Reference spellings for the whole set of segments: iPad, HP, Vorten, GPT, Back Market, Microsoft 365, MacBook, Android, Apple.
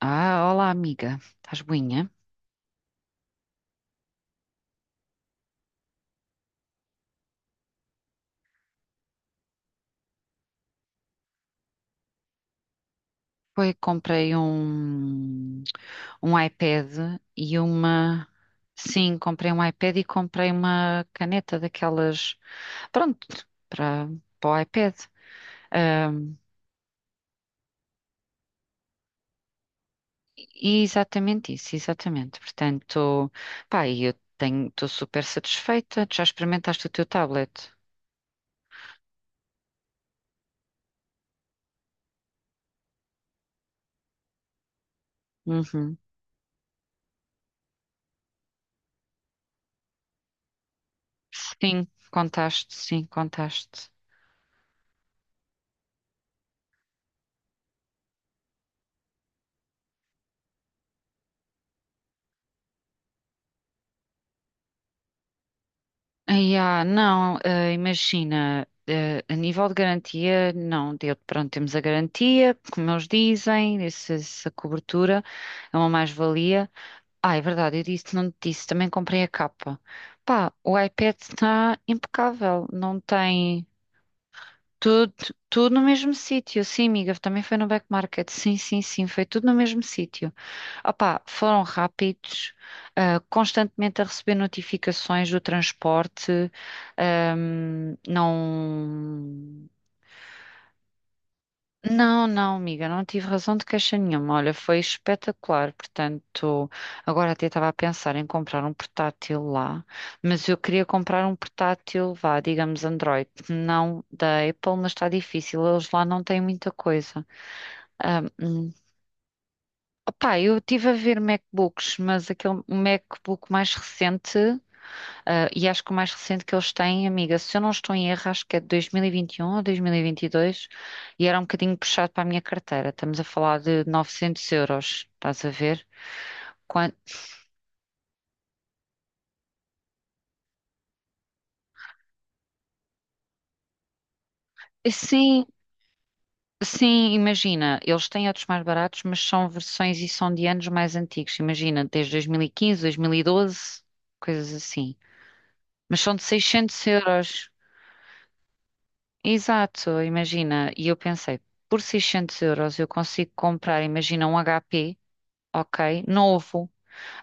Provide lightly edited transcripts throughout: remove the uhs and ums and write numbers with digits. Ah, olá amiga, estás boinha? Foi, comprei um iPad e uma. Sim, comprei um iPad e comprei uma caneta daquelas. Pronto, para, para o iPad. Ahm, e exatamente isso, exatamente. Portanto, pá, e estou super satisfeita. Tu já experimentaste o teu tablet? Uhum. Sim, contaste, sim, contaste. Ai, não, imagina, a nível de garantia, não, deu, pronto, temos a garantia, como eles dizem, essa cobertura é uma mais-valia. Ah, é verdade, eu disse, não te disse, também comprei a capa. Pá, o iPad está impecável, não tem tudo, tudo no mesmo sítio. Sim, amiga, também foi no Back Market, sim, sim, sim, foi tudo no mesmo sítio. Opá, foram rápidos, constantemente a receber notificações do transporte. Não, não, não, amiga, não tive razão de queixa nenhuma. Olha, foi espetacular. Portanto, agora até estava a pensar em comprar um portátil lá, mas eu queria comprar um portátil, vá, digamos Android, não da Apple, mas está difícil. Eles lá não têm muita coisa. Opá, eu estive a ver MacBooks, mas aquele MacBook mais recente, e acho que o mais recente que eles têm, amiga, se eu não estou em erro, acho que é de 2021 ou 2022, e 22, e era um bocadinho puxado para a minha carteira. Estamos a falar de 900 euros, estás a ver? Quan- Sim, sim, imagina, eles têm outros mais baratos, mas são versões e são de anos mais antigos, imagina, desde 2015, 2012, coisas assim. Mas são de 600 euros. Exato, imagina. E eu pensei, por 600 euros eu consigo comprar, imagina, um HP, ok, novo.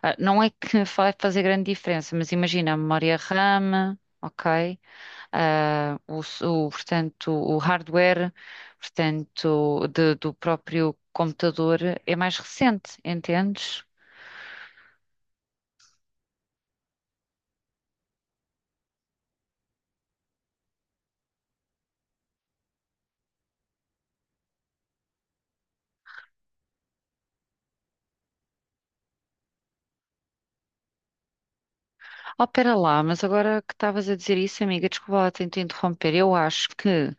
Ah, não é que vai fazer grande diferença, mas imagina a memória RAM, ok, portanto, o hardware, portanto, do próprio computador é mais recente, entendes? Oh, pera lá, mas agora que estavas a dizer isso, amiga, desculpa lá tentar interromper. Eu acho que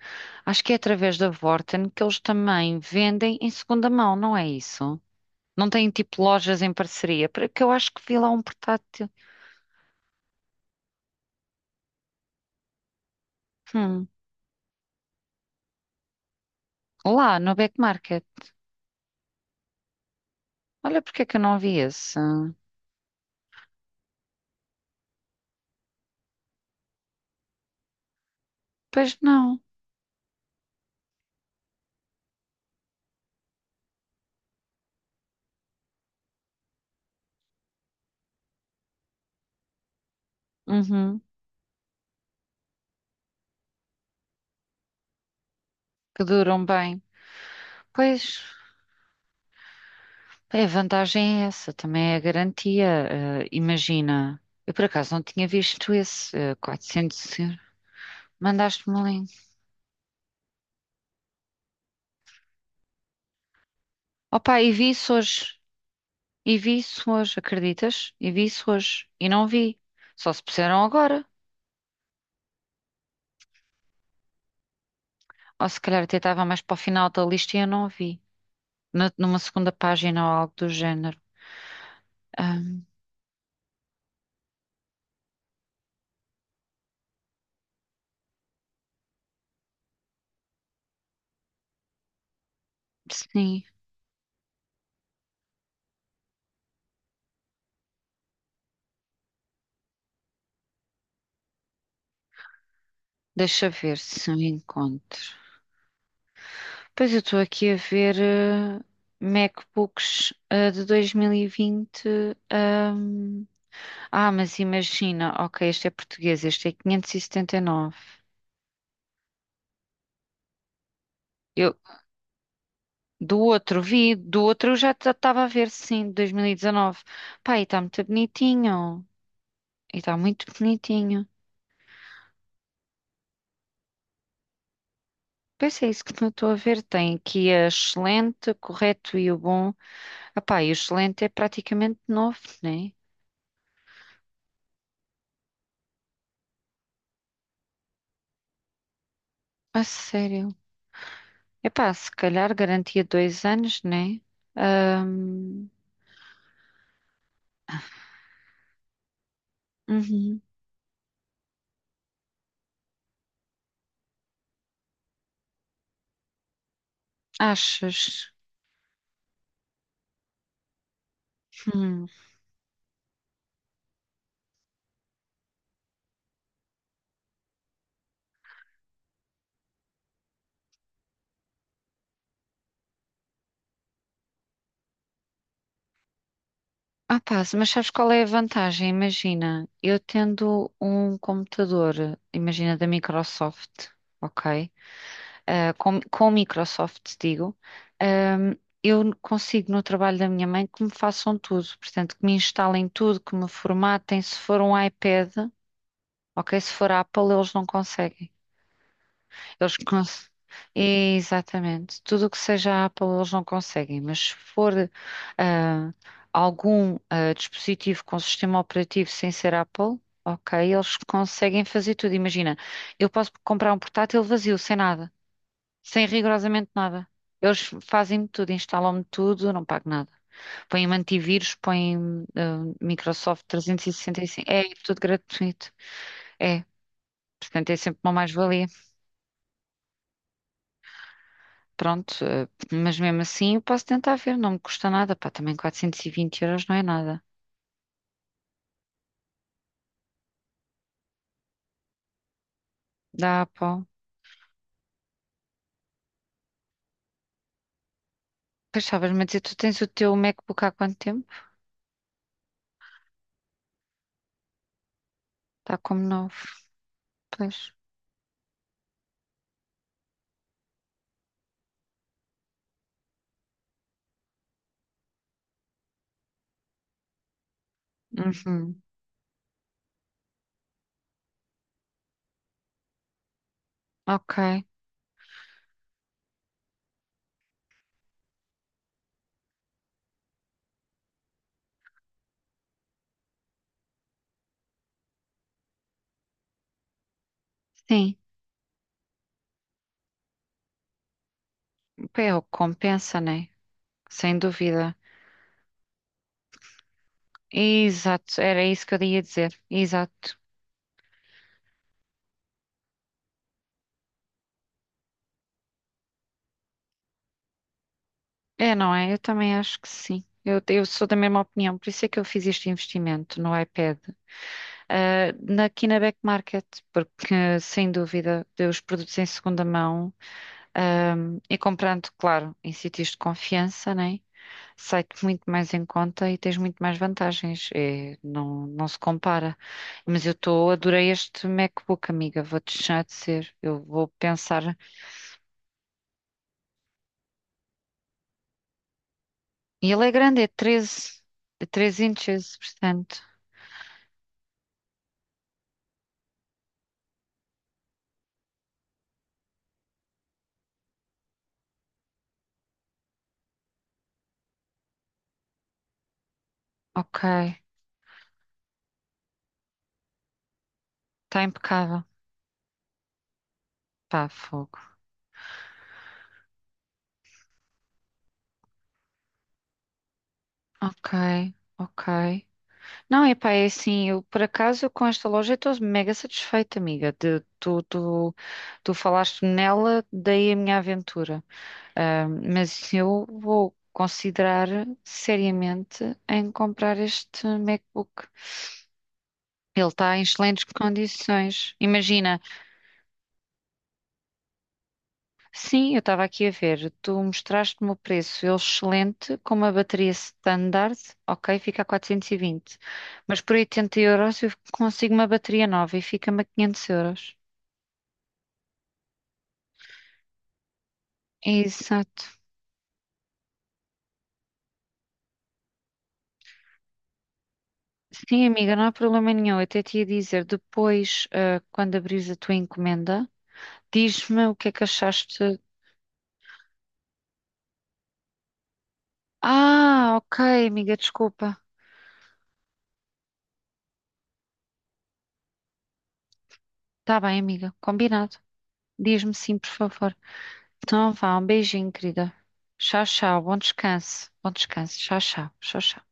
acho que é através da Vorten que eles também vendem em segunda mão, não é isso? Não têm tipo lojas em parceria, porque eu acho que vi lá um portátil. Hum, lá no Back Market. Olha porque é que eu não vi esse. Pois não. Uhum, que duram bem. Pois, a vantagem é essa, também é a garantia. Imagina, eu por acaso não tinha visto esse 400 euros. Mandaste-me um link. Opa, e vi isso hoje. E vi isso hoje, acreditas? E vi isso hoje. E não vi. Só se puseram agora. Ou se calhar até estava mais para o final da lista e eu não vi. Numa segunda página ou algo do género. Ahm, sim, deixa ver se eu encontro. Pois eu estou aqui a ver MacBooks de 2020. ahm. Ah, mas imagina, ok, este é português, este é 579. Eu, Do outro vi, do outro eu já estava a ver, sim, de 2019. Pá, e está muito bonitinho. E está muito bonitinho. Pois é isso que eu estou a ver. Tem aqui a excelente, o correto e o bom. Epá, e o excelente é praticamente novo, né? A sério. Epá, se calhar garantia 2 anos, né? Ahm, uhum. Achas? Hum. Ah, pá, mas sabes qual é a vantagem? Imagina, eu tendo um computador, imagina da Microsoft, ok? Ah, com Microsoft, digo, ahm, eu consigo no trabalho da minha mãe que me façam tudo, portanto, que me instalem tudo, que me formatem. Se for um iPad, ok? Se for Apple, eles não conseguem. Eles cons... Exatamente. Tudo o que seja Apple eles não conseguem, mas se for ah, algum dispositivo com sistema operativo sem ser Apple, ok, eles conseguem fazer tudo. Imagina, eu posso comprar um portátil vazio, sem nada, sem rigorosamente nada. Eles fazem-me tudo, instalam-me tudo, não pago nada. Põem-me antivírus, põem-me Microsoft 365. É tudo gratuito. É, portanto, é sempre uma mais-valia. Pronto, mas mesmo assim eu posso tentar ver, não me custa nada, pá, também 420 euros não é nada. Dá, pá. Pois estavas-me a dizer, tu tens o teu MacBook há quanto tempo? Está como novo. Pois. Uhum. Ok. Sim, pá, é o que compensa, né? Sem dúvida. Exato, era isso que eu ia dizer. Exato. É, não é? Eu também acho que sim. Eu sou da mesma opinião, por isso é que eu fiz este investimento no iPad. Aqui na Back Market, porque sem dúvida, os produtos em segunda mão, ah, e comprando, claro, em sítios de confiança, né? Sai-te muito mais em conta e tens muito mais vantagens. É, não, não se compara. Mas eu estou, adorei este MacBook, amiga, vou-te deixar de ser. Eu vou pensar. E ele é grande, é treze é 13 inches, portanto. Ok, está impecável. Pá, fogo. Ok, ok. Não, epá, é assim, eu por acaso com esta loja estou mega satisfeita, amiga. Tu falaste nela, daí a minha aventura. Ah, mas eu vou considerar seriamente em comprar este MacBook. Ele está em excelentes condições. Imagina, sim, eu estava aqui a ver, tu mostraste-me o preço, ele excelente, com uma bateria standard, ok, fica a 420. Mas por 80 euros eu consigo uma bateria nova e fica-me a 500 euros. Exato. Sim, amiga, não há problema nenhum. Eu até te ia dizer, depois, quando abrires a tua encomenda, diz-me o que é que achaste. Ah, ok, amiga, desculpa. Tá bem, amiga, combinado. Diz-me sim, por favor. Então vá, um beijinho, querida. Tchau, tchau, bom descanso. Bom descanso, tchau, tchau, tchau, tchau.